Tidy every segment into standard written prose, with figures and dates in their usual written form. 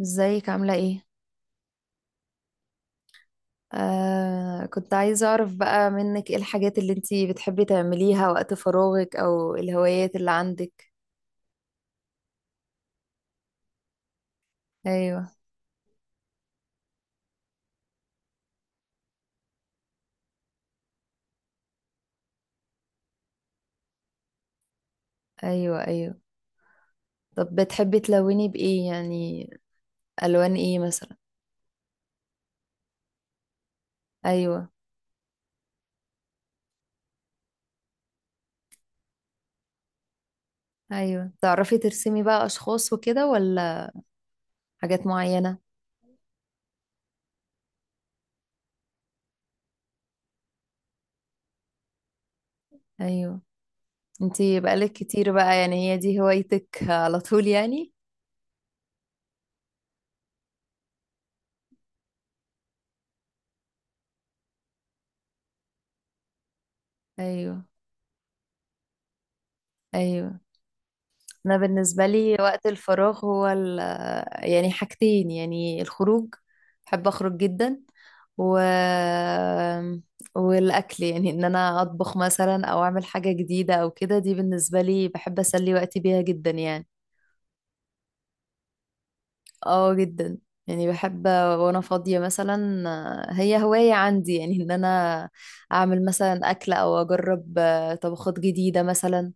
ازيك عاملة ايه؟ كنت عايزة اعرف بقى منك ايه الحاجات اللي انتي بتحبي تعمليها وقت فراغك او الهوايات اللي عندك. ايوه، ايوه، ايوه. طب بتحبي تلوني بايه يعني؟ الوان ايه مثلا؟ ايوه، ايوه. تعرفي ترسمي بقى اشخاص وكده ولا حاجات معينة؟ ايوه. انتي بقالك كتير بقى يعني هي دي هوايتك على طول يعني؟ ايوه، ايوه. انا بالنسبه لي وقت الفراغ هو ال يعني حاجتين، يعني الخروج. بحب اخرج جدا. و والاكل، يعني ان انا اطبخ مثلا او اعمل حاجه جديده او كده، دي بالنسبه لي بحب اسلي وقتي بيها جدا يعني. اه جدا. يعني بحب وانا فاضيه مثلا، هي هوايه عندي يعني ان انا اعمل مثلا اكل او اجرب طبخات جديده مثلا.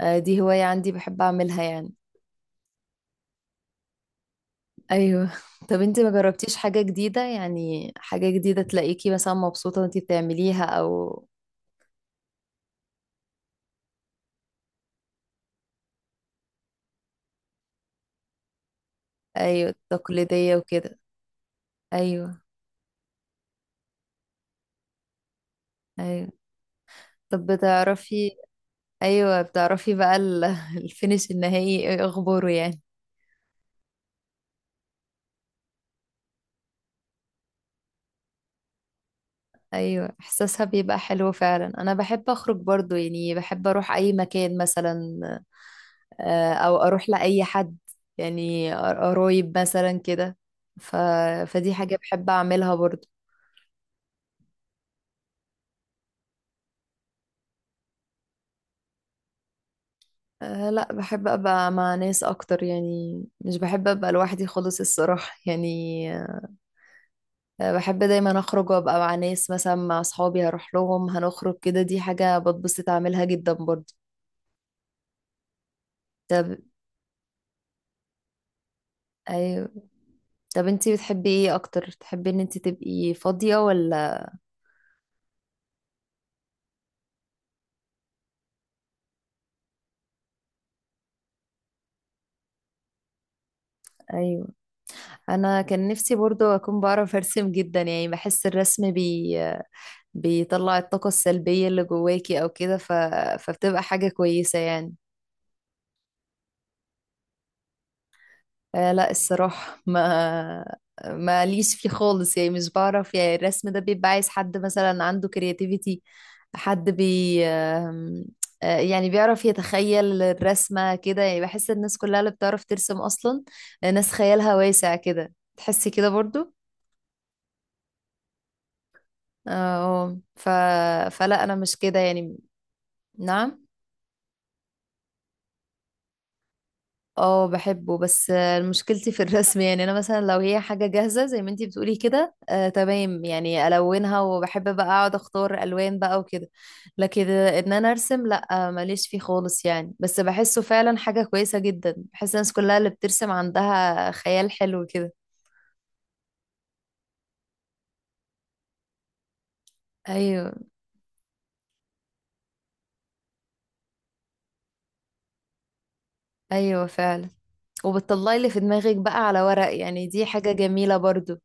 دي هوايه عندي بحب اعملها يعني. ايوه. طب انت ما جربتيش حاجة جديدة؟ يعني حاجة جديدة تلاقيكي مثلا مبسوطة وانت بتعمليها او... ايوه تقليدية وكده. ايوه، ايوه. طب، ايوه، بتعرفي بقى الفينش النهائي ايه اخباره يعني؟ ايوه احساسها بيبقى حلو فعلا. انا بحب اخرج برضو يعني، بحب اروح اي مكان مثلا. او اروح لاي حد، يعني قرايب مثلا كده. ف... فدي حاجة بحب اعملها برضو. لا، بحب ابقى مع ناس اكتر يعني، مش بحب ابقى لوحدي خالص الصراحة يعني. بحب دايما اخرج وابقى مع ناس، مثلا مع اصحابي هروح لهم هنخرج كده، دي حاجة بتبسط اعملها جدا برضه. طب، ايوه. طب انتي بتحبي ايه اكتر، تحبي ان انتي تبقي فاضية ولا؟ ايوه. انا كان نفسي برضه اكون بعرف ارسم جدا، يعني بحس الرسم بيطلع الطاقة السلبية اللي جواكي او كده. فبتبقى حاجة كويسة يعني. لا الصراحة، ما ليش فيه خالص يعني، مش بعرف يعني. الرسم ده بيبقى عايز حد مثلا عنده كرياتيفيتي، حد بي يعني بيعرف يتخيل الرسمة كده. يعني بحس الناس كلها اللي بتعرف ترسم أصلا ناس خيالها واسع كده، تحسي كده برضو. اه فلا أنا مش كده يعني. نعم. اه بحبه بس، مشكلتي في الرسم. يعني انا مثلا لو هي حاجه جاهزه زي ما انتي بتقولي كده، آه تمام يعني الونها، وبحب بقى اقعد اختار الوان بقى وكده. لكن ان انا ارسم، لا، ماليش فيه خالص يعني. بس بحسه فعلا حاجه كويسه جدا، بحس الناس كلها اللي بترسم عندها خيال حلو كده. ايوه، ايوه فعلا. وبتطلعي اللي في دماغك بقى على ورق، يعني دي حاجه جميله برضو.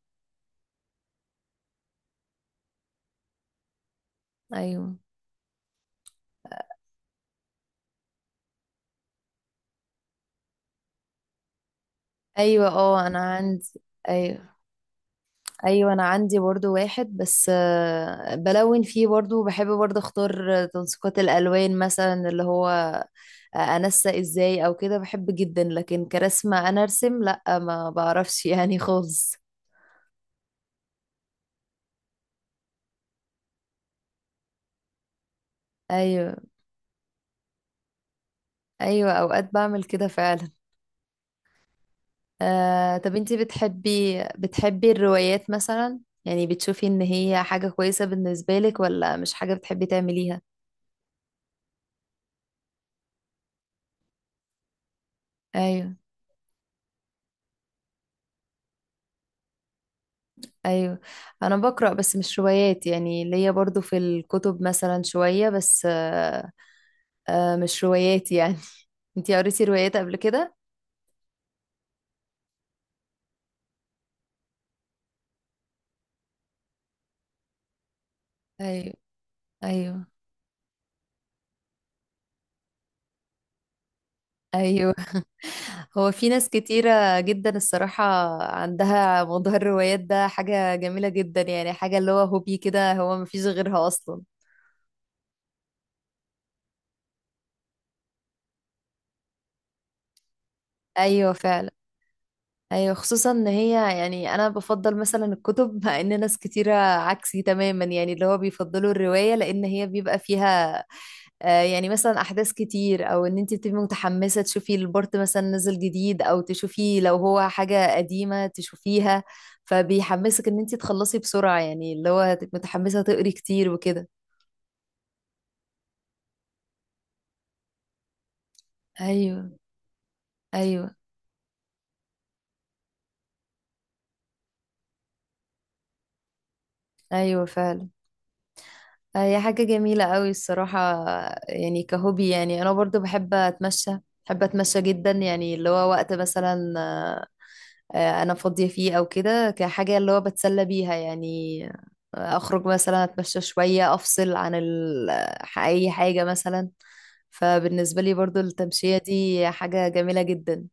ايوه، ايوه، اه انا عندي. ايوه، ايوه. انا عندي برضو واحد بس، بلون فيه برضو. بحب برضو اختار تنسيقات الالوان مثلا، اللي هو انسق ازاي او كده، بحب جدا. لكن كرسمة انا ارسم، لا، ما بعرفش يعني خالص. ايوه. ايوه اوقات بعمل كده فعلا. طب انتي بتحبي الروايات مثلا؟ يعني بتشوفي ان هي حاجة كويسة بالنسبة لك ولا مش حاجة بتحبي تعمليها؟ ايوه، ايوه. انا بقرا بس مش روايات، يعني ليا برضو في الكتب مثلا شويه بس، مش روايات يعني. انتي قريتي روايات قبل كده؟ ايوه، ايوه، ايوه. هو في ناس كتيره جدا الصراحه عندها موضوع الروايات ده، حاجه جميله جدا يعني، حاجه اللي هو هوبي كده هو مفيش غيرها اصلا. ايوه فعلا. ايوه، خصوصا ان هي، يعني انا بفضل مثلا الكتب مع ان ناس كتيره عكسي تماما، يعني اللي هو بيفضلوا الروايه لان هي بيبقى فيها يعني مثلا احداث كتير، او ان انت تبقي متحمسه تشوفي البورت مثلا نزل جديد، او تشوفي لو هو حاجه قديمه تشوفيها. فبيحمسك ان انت تخلصي بسرعه يعني، اللي هو تبقي متحمسه تقري كتير وكده. ايوه، ايوه. ايوه فعلا. هي حاجه جميله قوي الصراحه. يعني كهوبي، يعني انا برضو بحب اتمشى. بحب اتمشى جدا يعني، اللي هو وقت مثلا انا فاضية فيه او كده، كحاجة اللي هو بتسلى بيها يعني. اخرج مثلا، اتمشى شوية، افصل عن اي حاجة مثلا. فبالنسبة لي برضو التمشية دي حاجة جميلة جدا.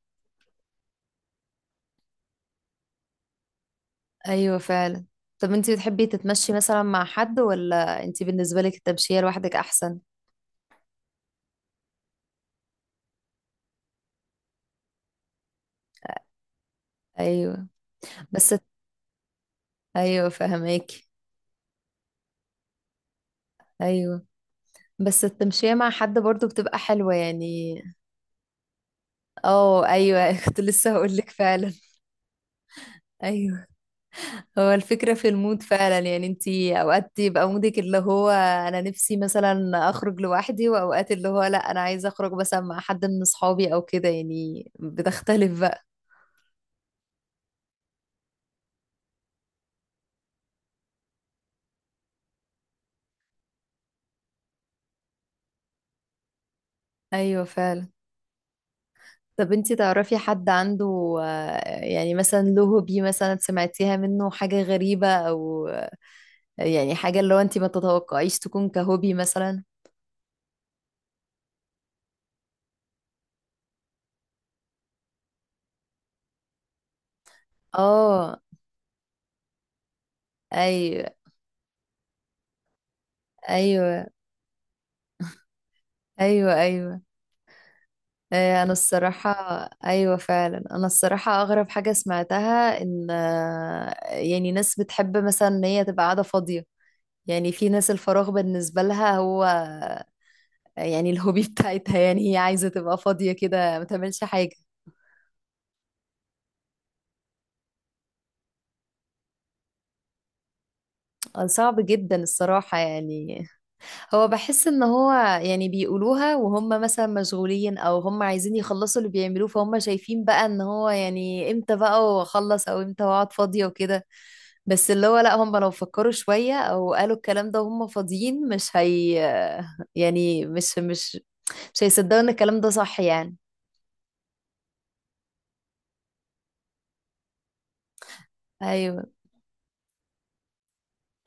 ايوه فعلا. طب انتي بتحبي تتمشي مثلا مع حد، ولا انتي بالنسبة لك التمشية لوحدك احسن؟ ايوه بس، ايوه فهماكي. ايوه بس التمشية مع حد برضو بتبقى حلوة يعني. اه ايوه كنت لسه هقولك فعلا. ايوه. هو الفكرة في المود فعلا يعني، انتي اوقات يبقى مودك اللي هو انا نفسي مثلا اخرج لوحدي، واوقات اللي هو لا انا عايزة اخرج مثلا مع حد من اصحابي او كده، يعني بتختلف بقى. ايوه فعلا. طب انتي تعرفي حد عنده يعني مثلا له هوبي مثلا سمعتيها منه حاجة غريبة، او يعني حاجة اللي هو انتي ما تتوقعيش تكون كهوبي مثلا؟ اه ايوه. ايوه، ايوه، ايوه. انا الصراحة. ايوه فعلا. انا الصراحة اغرب حاجة سمعتها ان يعني ناس بتحب مثلا ان هي تبقى قاعدة فاضية. يعني في ناس الفراغ بالنسبة لها هو يعني الهوبي بتاعتها، يعني هي عايزة تبقى فاضية كده ما تعملش حاجة. صعب جدا الصراحة يعني. هو بحس ان هو يعني بيقولوها وهم مثلا مشغولين او هم عايزين يخلصوا اللي بيعملوه، فهم شايفين بقى ان هو يعني امتى بقى واخلص، او امتى واقعد فاضية وكده. بس اللي هو لا، هم لو فكروا شوية او قالوا الكلام ده وهم فاضيين مش هي، يعني مش هيصدقوا ان الكلام ده صح يعني. ايوه،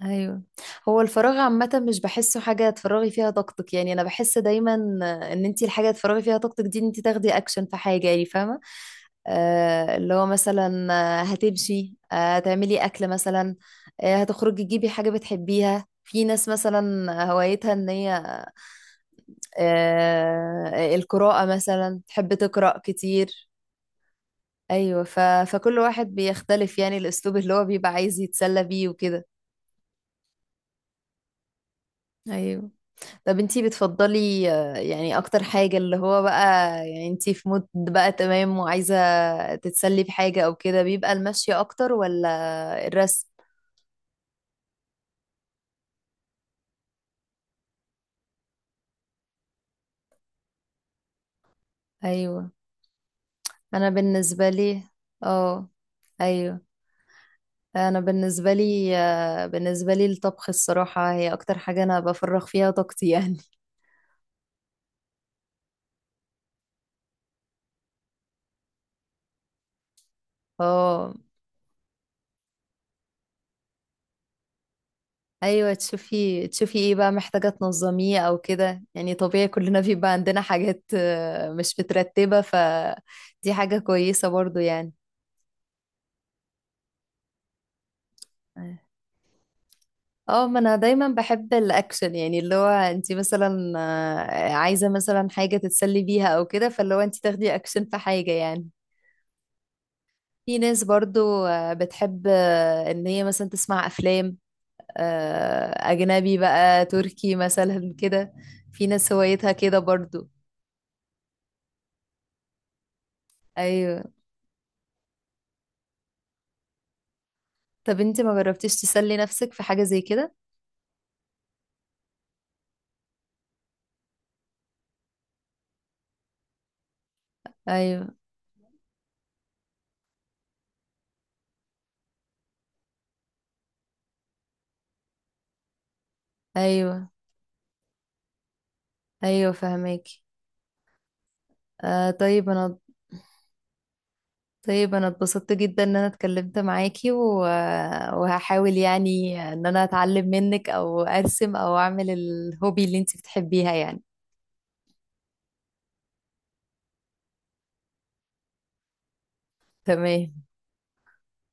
ايوه. هو الفراغ عامة مش بحسه حاجة تفرغي فيها طاقتك، يعني انا بحس دايما ان انتي الحاجة تفرغي فيها طاقتك دي ان انتي تاخدي اكشن في حاجة يعني، فاهمة؟ اللي هو مثلا هتمشي، هتعملي أكل مثلا، هتخرجي تجيبي حاجة بتحبيها. في ناس مثلا هوايتها ان هي القراءة مثلا، تحب تقرأ كتير. أيوة فكل واحد بيختلف يعني الأسلوب اللي هو بيبقى عايز يتسلى بيه وكده. أيوة. طب انتي بتفضلي يعني أكتر حاجة اللي هو بقى يعني انتي في مود بقى تمام وعايزة تتسلي بحاجة أو كده، بيبقى المشي أكتر ولا الرسم؟ أيوة. أنا بالنسبة لي اه، أيوة. أنا بالنسبة لي بالنسبة لي الطبخ الصراحة هي أكتر حاجة أنا بفرغ فيها طاقتي يعني. اه، ايوه، تشوفي ايه بقى محتاجة تنظميه او كده. يعني طبيعي كلنا بيبقى عندنا حاجات مش مترتبة، فدي حاجة كويسة برضو يعني. اه، ما انا دايما بحب الاكشن يعني، اللي هو انت مثلا عايزة مثلا حاجة تتسلي بيها او كده، فاللي هو انت تاخدي اكشن في حاجة يعني. في ناس برضو بتحب ان هي مثلا تسمع افلام اجنبي بقى، تركي مثلا كده. في ناس هوايتها كده برضو. ايوه. طب انت ما جربتيش تسلي نفسك في حاجة زي كده؟ ايوه، ايوه، ايوه فهماكي. آه طيب انا طيب انا اتبسطت جدا ان انا اتكلمت معاكي، و... وهحاول يعني ان انا اتعلم منك او ارسم او اعمل الهوبي اللي انت بتحبيها يعني. تمام.